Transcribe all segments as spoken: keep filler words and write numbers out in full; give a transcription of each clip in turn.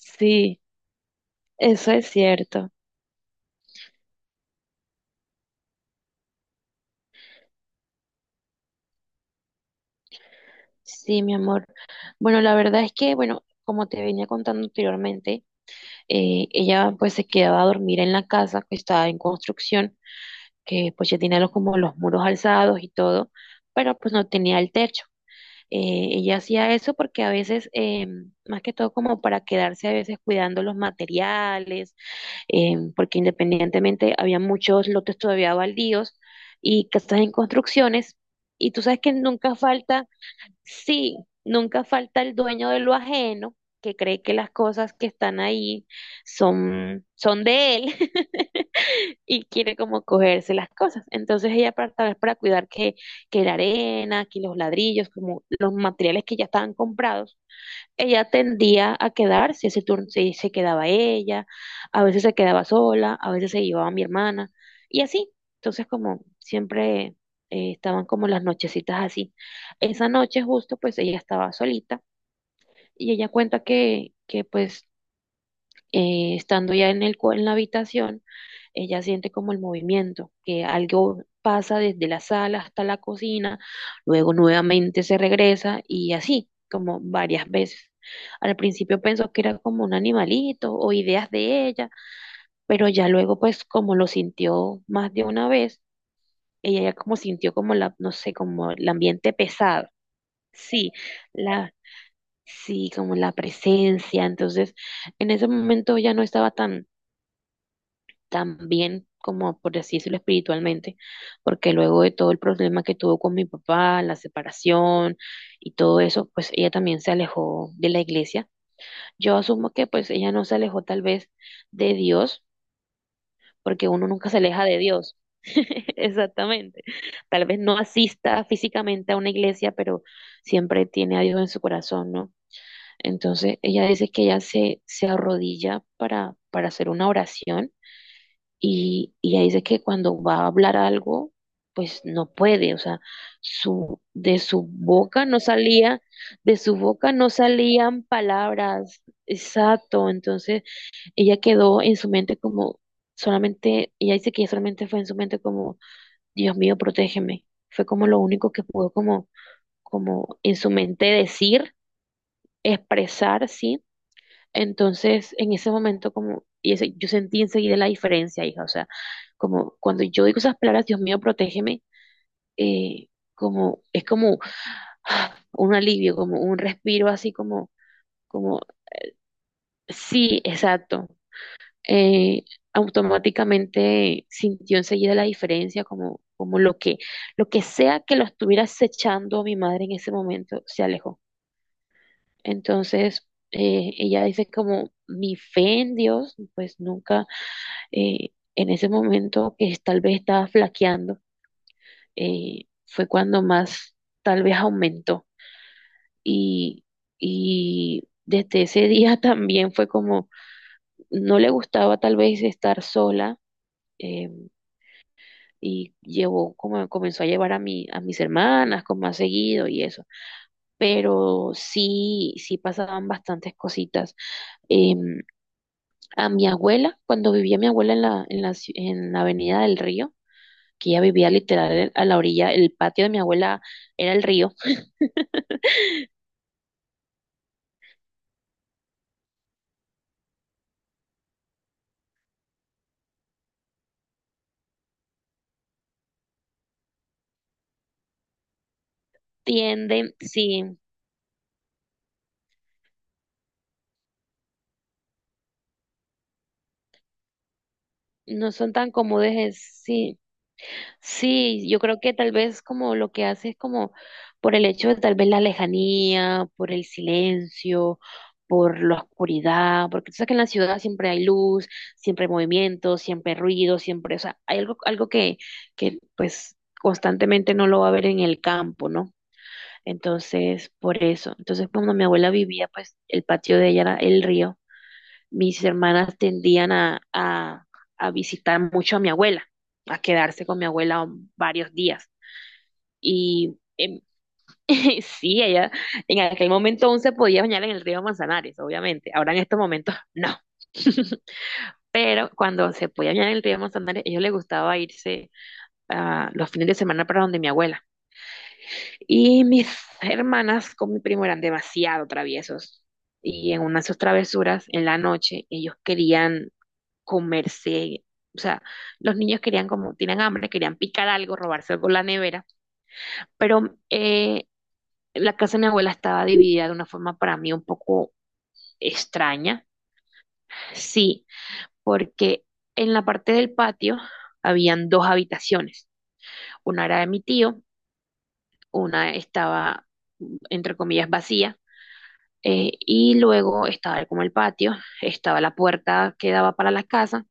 Sí, eso es cierto. Sí, mi amor. Bueno, la verdad es que, bueno, como te venía contando anteriormente, eh, ella pues se quedaba a dormir en la casa que estaba en construcción, que pues ya tenía los, como los muros alzados y todo, pero pues no tenía el techo. Eh, ella hacía eso porque a veces, eh, más que todo como para quedarse a veces cuidando los materiales eh, porque independientemente había muchos lotes todavía baldíos y casas en construcciones, y tú sabes que nunca falta, sí, nunca falta el dueño de lo ajeno que cree que las cosas que están ahí son, son de él y quiere como cogerse las cosas. Entonces ella para, tal vez para cuidar que, que la arena, que los ladrillos, como los materiales que ya estaban comprados, ella tendía a quedarse, ese turno se, se quedaba ella, a veces se quedaba sola, a veces se llevaba a mi hermana, y así. Entonces, como siempre eh, estaban como las nochecitas así. Esa noche justo, pues ella estaba solita y ella cuenta que, que pues eh, estando ya en el, cua- en la habitación, ella siente como el movimiento, que algo pasa desde la sala hasta la cocina, luego nuevamente se regresa y así, como varias veces. Al principio pensó que era como un animalito o ideas de ella, pero ya luego pues como lo sintió más de una vez, ella ya como sintió como la, no sé, como el ambiente pesado. Sí, la, sí, como la presencia. Entonces, en ese momento ya no estaba tan también como por así decirlo espiritualmente, porque luego de todo el problema que tuvo con mi papá, la separación y todo eso, pues ella también se alejó de la iglesia. Yo asumo que pues ella no se alejó tal vez de Dios, porque uno nunca se aleja de Dios. Exactamente. Tal vez no asista físicamente a una iglesia, pero siempre tiene a Dios en su corazón, ¿no? Entonces ella dice que ella se, se arrodilla para, para hacer una oración y, y ella dice que cuando va a hablar algo, pues no puede, o sea, su, de su boca no salía, de su boca no salían palabras, exacto, entonces ella quedó en su mente como solamente, ella dice que solamente fue en su mente como, Dios mío, protégeme, fue como lo único que pudo como, como en su mente decir, expresar, sí entonces, en ese momento, como, y ese- yo sentí enseguida la diferencia, hija, o sea, como cuando yo digo esas palabras, Dios mío, protégeme, eh, como, es como ah, un alivio, como un respiro, así como, como, sí, exacto. Eh, automáticamente sintió enseguida la diferencia, como, como lo que, lo que sea que lo estuviera acechando a mi madre en ese momento, se alejó. Entonces, eh, ella dice como, mi fe en Dios, pues nunca eh, en ese momento que es- tal vez estaba flaqueando, eh, fue cuando más tal vez aumentó. Y, y desde ese día también fue como, no le gustaba tal vez estar sola. eh, y llevó, como comenzó a llevar a mi, a mis hermanas, como más seguido y eso. Pero sí, sí pasaban bastantes cositas. Em, a mi abuela, cuando vivía mi abuela en la, en la ci- en la Avenida del Río, que ella vivía literal a la orilla, el patio de mi abuela era el río, tienden, sí, no son tan cómodos, es- sí, sí, yo creo que tal vez como lo que hace es como por el hecho de tal vez la lejanía, por el silencio, por la oscuridad, porque tú sabes que en la ciudad siempre hay luz, siempre hay movimiento, siempre hay ruido, siempre, o sea, hay algo, algo que, que pues constantemente no lo va a ver en el campo, ¿no? Entonces, por eso. Entonces, cuando mi abuela vivía, pues el patio de ella era el río. Mis hermanas tendían a, a, a visitar mucho a mi abuela, a quedarse con mi abuela varios días. Y em, sí, ella en aquel momento aún se podía bañar en el río Manzanares, obviamente. Ahora en estos momentos, no. Pero cuando se podía bañar en el río Manzanares, a ellos les gustaba irse ah, los fines de semana para donde mi abuela. Y mis hermanas con mi primo eran demasiado traviesos. Y en una de sus travesuras, en la noche, ellos querían comerse, o sea, los niños querían como, tienen hambre, querían picar algo, robarse algo de la nevera. Pero eh, la casa de mi abuela estaba dividida de una forma para mí un poco extraña. Sí, porque en la parte del patio habían dos habitaciones. Una era de mi tío, una estaba, entre comillas, vacía. Eh, y luego estaba como el patio, estaba la puerta que daba para la casa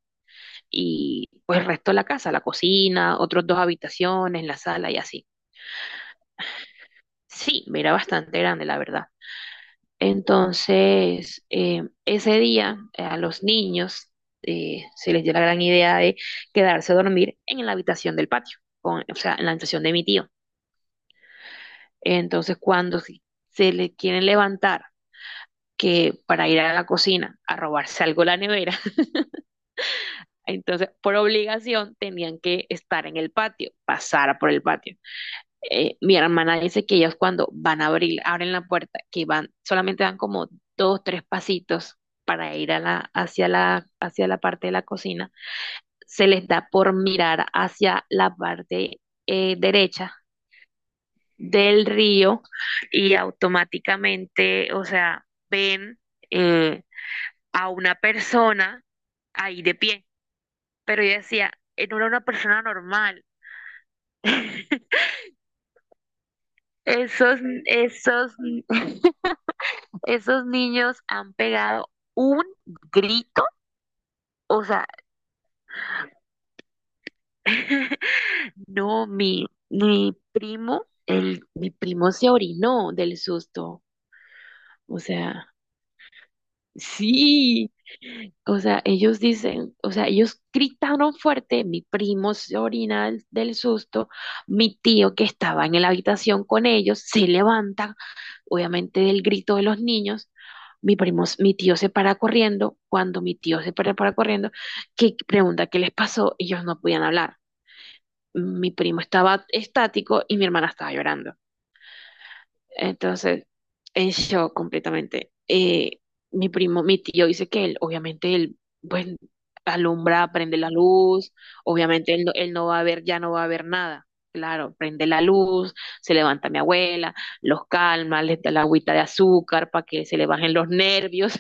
y pues el resto de la casa, la cocina, otros dos habitaciones, la sala y así. Sí, mira, bastante grande, la verdad. Entonces, eh, ese día eh, a los niños eh, se les dio la gran idea de quedarse a dormir en la habitación del patio, con- o sea, en la habitación de mi tío. Entonces, cuando se se le quieren levantar que para ir a la cocina a robarse algo de la nevera, entonces, por obligación, tenían que estar en el patio, pasar por el patio. Eh, mi hermana dice que ellos cuando van a abrir, abren la puerta, que van, solamente dan como dos, tres pasitos para ir a la, hacia la, hacia la parte de la cocina, se les da por mirar hacia la parte eh, derecha del río y automáticamente, o sea, ven eh, a una persona ahí de pie pero yo decía, eh, no era una persona normal. Esos, esos, esos niños han pegado un grito, o sea, no, mi, mi primo, el, mi primo se orinó del susto, o sea. Sí, o sea, ellos dicen, o sea, ellos gritaron fuerte, mi primo se orina del, del susto, mi tío que estaba en la habitación con ellos se levanta, obviamente del grito de los niños, mi primo, s- mi tío se para corriendo, cuando mi tío se para, para corriendo, que pregunta qué les pasó, ellos no podían hablar, mi primo estaba estático y mi hermana estaba llorando. Entonces, en shock completamente. Eh, mi primo, mi tío dice que él, obviamente, él, pues, alumbra, prende la luz, obviamente él no, él no va a ver, ya no va a ver nada. Claro, prende la luz, se levanta mi abuela, los calma, les da la agüita de azúcar para que se le bajen los nervios.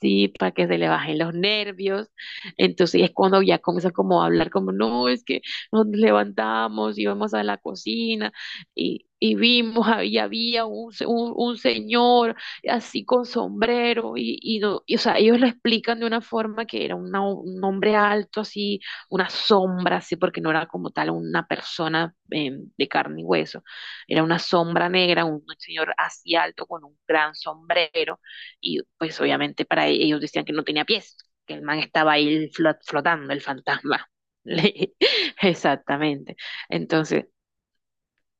Sí, para que se le bajen los nervios. Entonces es cuando ya comienza como a hablar como, no, es que nos levantamos, íbamos a la cocina y, y vimos, y había un, se- un, un señor así con sombrero y, y, no, y, o sea, ellos lo explican de una forma que era una, un hombre alto así, una sombra así, porque no era como tal una persona eh, de carne y hueso, era una sombra negra, un señor así alto con un gran sombrero y pues obviamente para e- ellos decían que no tenía pies, que el man estaba ahí flot- flotando, el fantasma. Le- Exactamente. Entonces,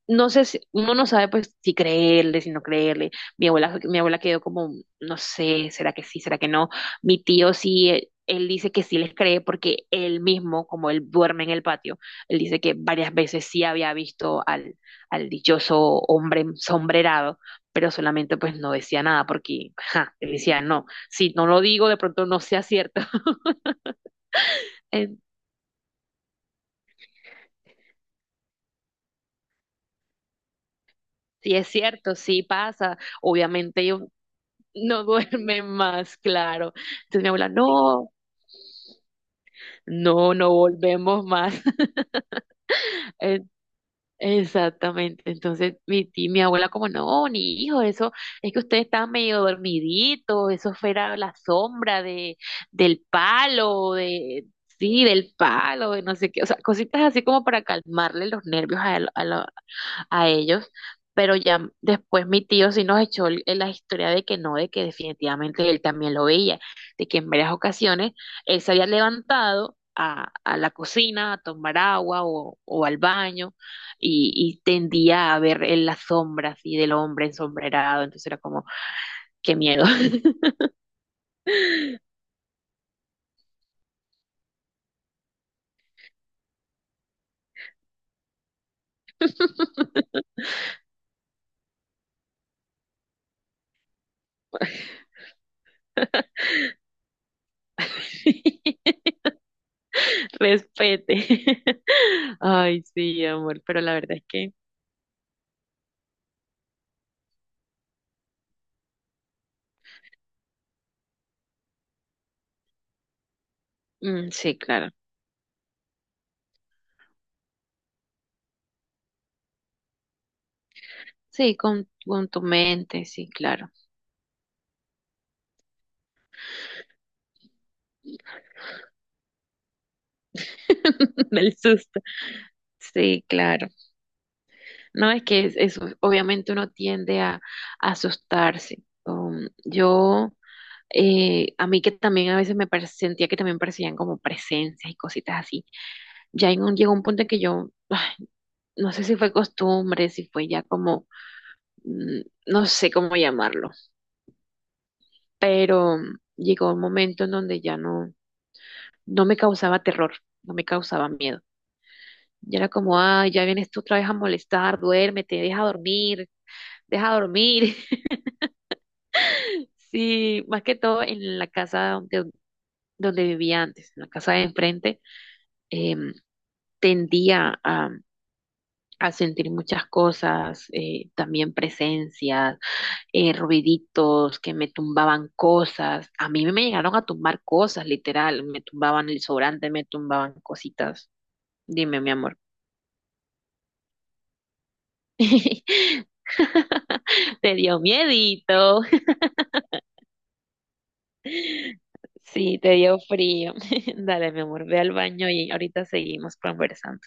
no sé si uno no sabe pues si creerle, si no creerle. Mi abuela, mi abuela quedó como, no sé, será que sí, será que no. Mi tío sí, él, él dice que sí les cree porque él mismo, como él duerme en el patio, él dice que varias veces sí había visto al, al dichoso hombre sombrerado, pero solamente pues no decía nada porque, ja, él decía, no, si no lo digo de pronto no sea cierto. En- Sí, es cierto, sí pasa. Obviamente, no duerme más, claro. Entonces mi abuela, no, no, no volvemos más. Eh, exactamente. Entonces mi tía, mi abuela como, no, ni hijo, eso es que usted está medio dormidito, eso fuera la sombra de, del palo, de, sí, del palo, de no sé qué, o sea, cositas así como para calmarle los nervios a, a ellos, pero ya después mi tío sí nos echó el- la historia de que no, de que definitivamente él también lo veía, de que en varias ocasiones él se había levantado a, a la cocina a tomar agua o, o al baño y, y tendía a ver en las sombras y del hombre ensombrerado, entonces era como, qué miedo. Respete. Ay, sí, amor, pero la verdad es que, mm, sí, claro. Sí, con, con tu mente, sí, claro. Del susto. Sí, claro. No es que es eso, obviamente uno tiende a, a asustarse. Um, yo, eh, a mí que también a veces me pare- sentía que también parecían como presencias y cositas así. Ya en un, llegó un punto en que yo, ay, no sé si fue costumbre, si fue ya como, mm, no sé cómo llamarlo, pero llegó un momento en donde ya no, no me causaba terror, no me causaba miedo. Yo era como, ay, ya vienes tú otra vez a molestar, duérmete, deja dormir, deja dormir. Sí, más que todo en la casa donde, donde vivía antes, en la casa de enfrente, em, tendía a, a sentir muchas cosas, eh, también presencias, eh, ruiditos que me tumbaban cosas. A mí me llegaron a tumbar cosas, literal, me tumbaban el sobrante, me tumbaban cositas. Dime, mi amor. Te dio miedito. Sí, te dio frío. Dale, mi amor, ve al baño y ahorita seguimos conversando.